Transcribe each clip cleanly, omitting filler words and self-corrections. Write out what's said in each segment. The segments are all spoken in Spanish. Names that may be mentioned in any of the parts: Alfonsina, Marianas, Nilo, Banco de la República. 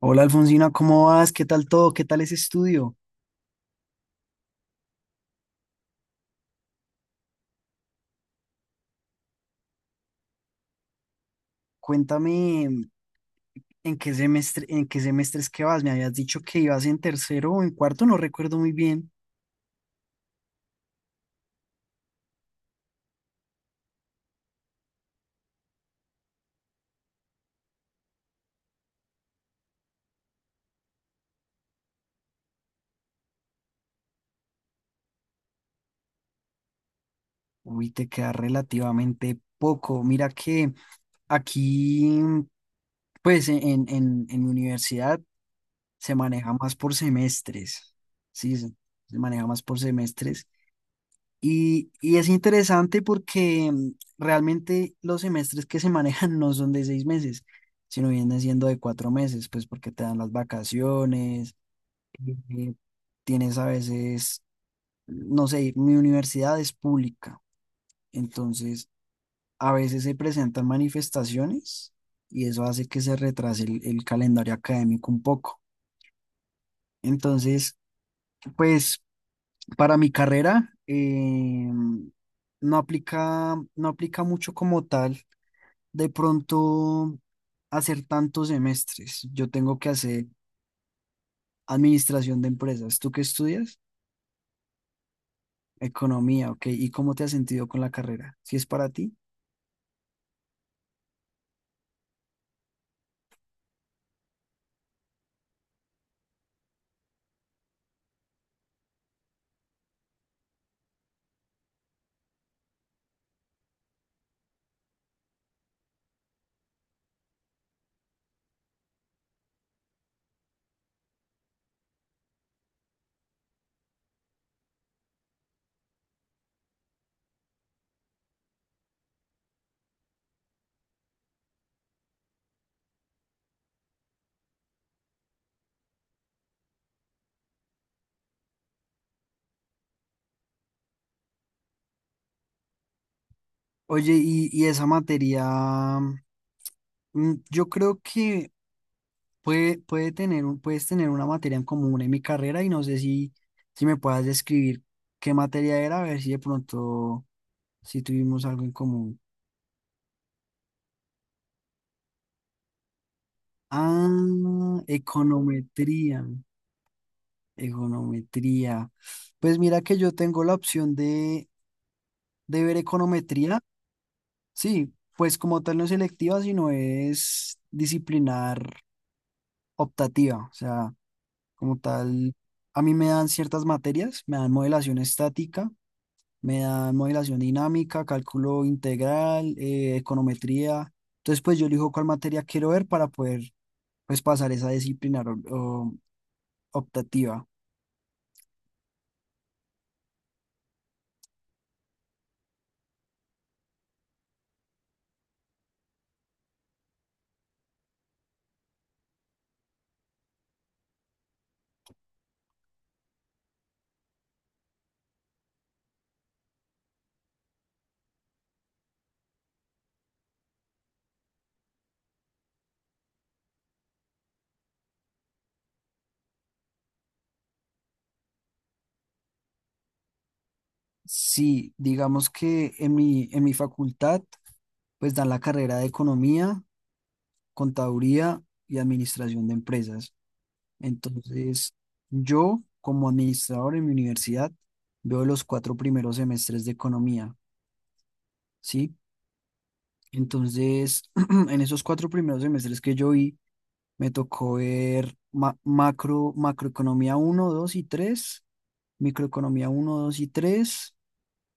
Hola Alfonsina, ¿cómo vas? ¿Qué tal todo? ¿Qué tal ese estudio? Cuéntame en qué semestres que vas. Me habías dicho que ibas en tercero o en cuarto, no recuerdo muy bien. Uy, te queda relativamente poco. Mira que aquí, pues en mi universidad se maneja más por semestres. Sí, se maneja más por semestres. Y es interesante porque realmente los semestres que se manejan no son de 6 meses, sino vienen siendo de 4 meses, pues porque te dan las vacaciones. eh, Tienes a veces, no sé, mi universidad es pública, entonces a veces se presentan manifestaciones y eso hace que se retrase el calendario académico un poco. Entonces, pues para mi carrera, no aplica, mucho como tal de pronto hacer tantos semestres. Yo tengo que hacer administración de empresas. ¿Tú qué estudias? Economía, ok. ¿Y cómo te has sentido con la carrera? Si es para ti. Oye, y esa materia, yo creo que puedes tener una materia en común en mi carrera y no sé si me puedas describir qué materia era, a ver si de pronto, si tuvimos algo en común. Ah, econometría. Econometría. Pues mira que yo tengo la opción de ver econometría. Sí, pues como tal no es selectiva, sino es disciplinar optativa. O sea, como tal, a mí me dan ciertas materias, me dan modelación estática, me dan modelación dinámica, cálculo integral, econometría. Entonces, pues yo elijo cuál materia quiero ver para poder, pues, pasar esa disciplinar o optativa. Sí, digamos que en mi facultad pues dan la carrera de economía, contaduría y administración de empresas. Entonces, yo como administrador en mi universidad veo los 4 primeros semestres de economía, ¿sí? Entonces, en esos 4 primeros semestres que yo vi, me tocó ver macroeconomía uno, 2 y tres, microeconomía uno, 2 y tres,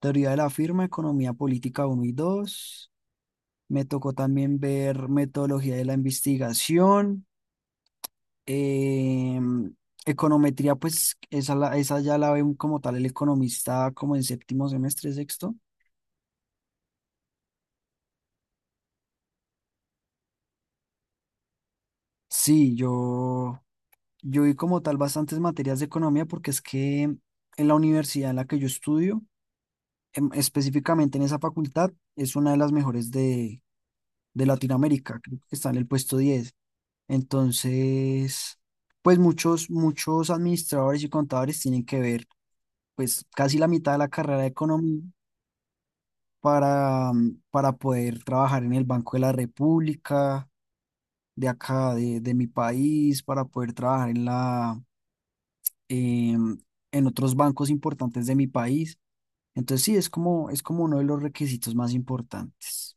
teoría de la firma, economía política uno y dos. Me tocó también ver metodología de la investigación, Eh, econometría. Pues esa ya la ve como tal el economista como en séptimo semestre, sexto. Sí, yo vi como tal bastantes materias de economía porque es que en la universidad en la que yo estudio, específicamente en esa facultad, es una de las mejores de, Latinoamérica. Creo que está en el puesto 10. Entonces, pues muchos, muchos administradores y contadores tienen que ver, pues casi la mitad de la carrera de economía para poder trabajar en el Banco de la República, de acá, de, mi país, para poder trabajar em, en otros bancos importantes de mi país. Entonces sí, es como uno de los requisitos más importantes.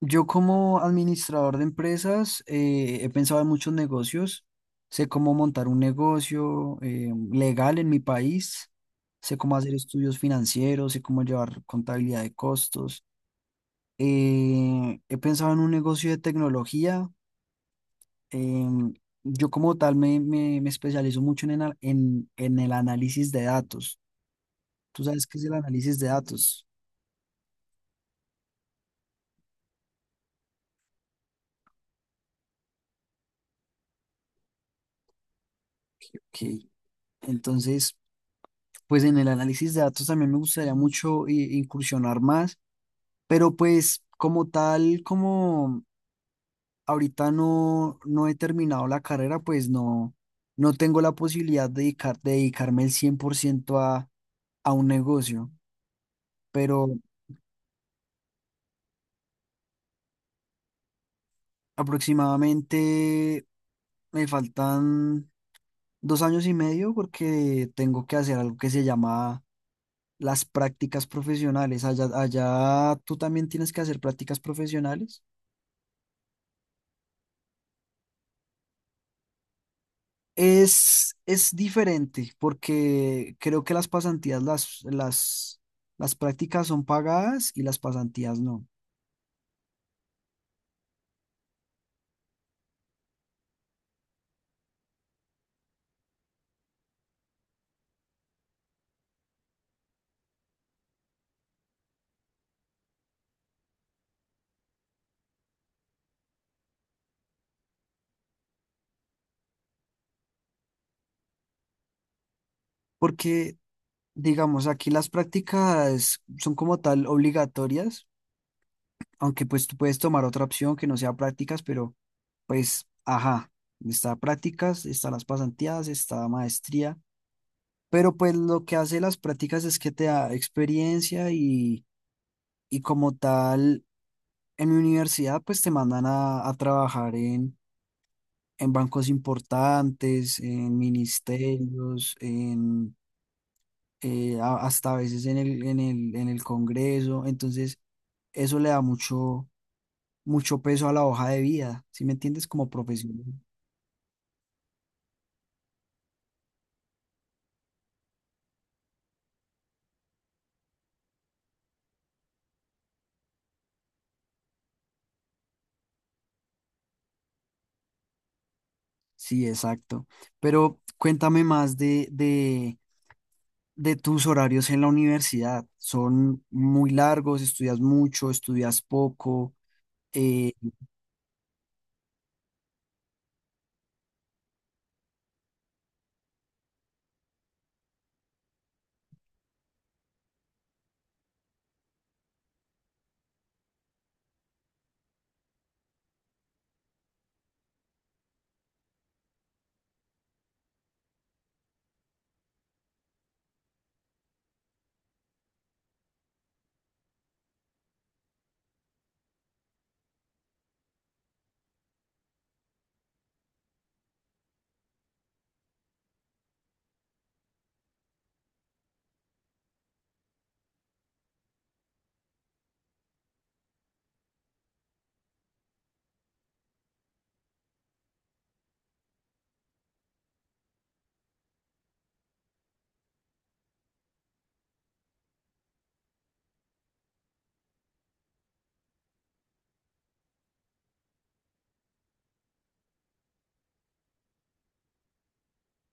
Yo como administrador de empresas he pensado en muchos negocios. Sé cómo montar un negocio legal en mi país, sé cómo hacer estudios financieros, sé cómo llevar contabilidad de costos. He pensado en un negocio de tecnología. em, yo como tal me especializo mucho en, en el análisis de datos. ¿Tú sabes qué es el análisis de datos? Ok. Entonces, pues en el análisis de datos también me gustaría mucho incursionar más, pero pues como tal, como ahorita no, no, he terminado la carrera, pues no, tengo la posibilidad de, dedicarme el 100% a un negocio. Pero aproximadamente me faltan 2 años y medio porque tengo que hacer algo que se llama las prácticas profesionales. Allá tú también tienes que hacer prácticas profesionales. Es diferente porque creo que las pasantías, las prácticas son pagadas y las pasantías no. Porque, digamos, aquí las prácticas son como tal obligatorias, aunque pues tú puedes tomar otra opción que no sea prácticas, pero pues, ajá, está prácticas, está las pasantías, está maestría, pero pues lo que hace las prácticas es que te da experiencia, y como tal, en mi universidad pues te mandan a, trabajar en bancos importantes, en ministerios, en... hasta a veces en el Congreso. Entonces eso le da mucho, mucho peso a la hoja de vida, ¿sí me entiendes? Como profesional. Sí, exacto. Pero cuéntame más de tus horarios en la universidad. ¿Son muy largos? ¿Estudias mucho? ¿Estudias poco? Eh,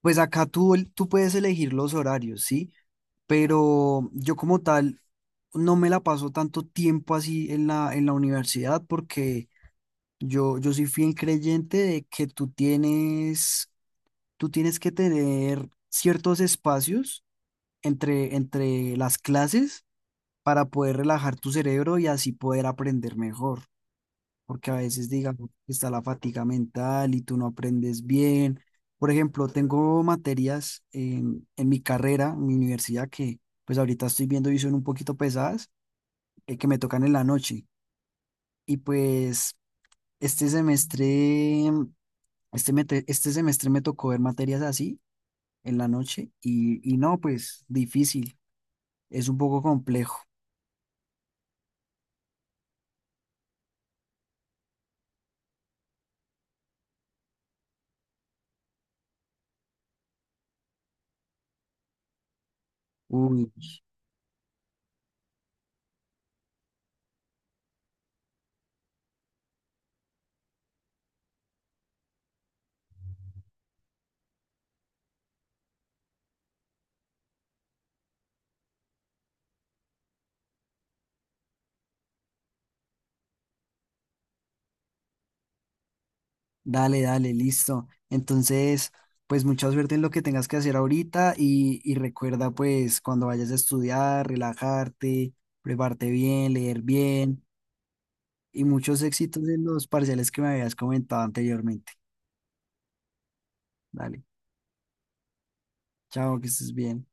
pues acá tú, tú puedes elegir los horarios, ¿sí? Pero yo como tal no me la paso tanto tiempo así en la, universidad porque yo soy fiel creyente de que tú tienes que tener ciertos espacios entre las clases para poder relajar tu cerebro y así poder aprender mejor, porque a veces, digamos, está la fatiga mental y tú no aprendes bien. Por ejemplo, tengo materias en mi carrera, en mi universidad, que pues ahorita estoy viendo y son un poquito pesadas, que me tocan en la noche. Y pues este semestre, este semestre me tocó ver materias así en la noche y no, pues difícil, es un poco complejo. Uy, dale, dale, listo. Entonces, pues mucha suerte en lo que tengas que hacer ahorita y recuerda, pues, cuando vayas a estudiar, relajarte, prepararte bien, leer bien y muchos éxitos en los parciales que me habías comentado anteriormente. Dale, chao, que estés bien.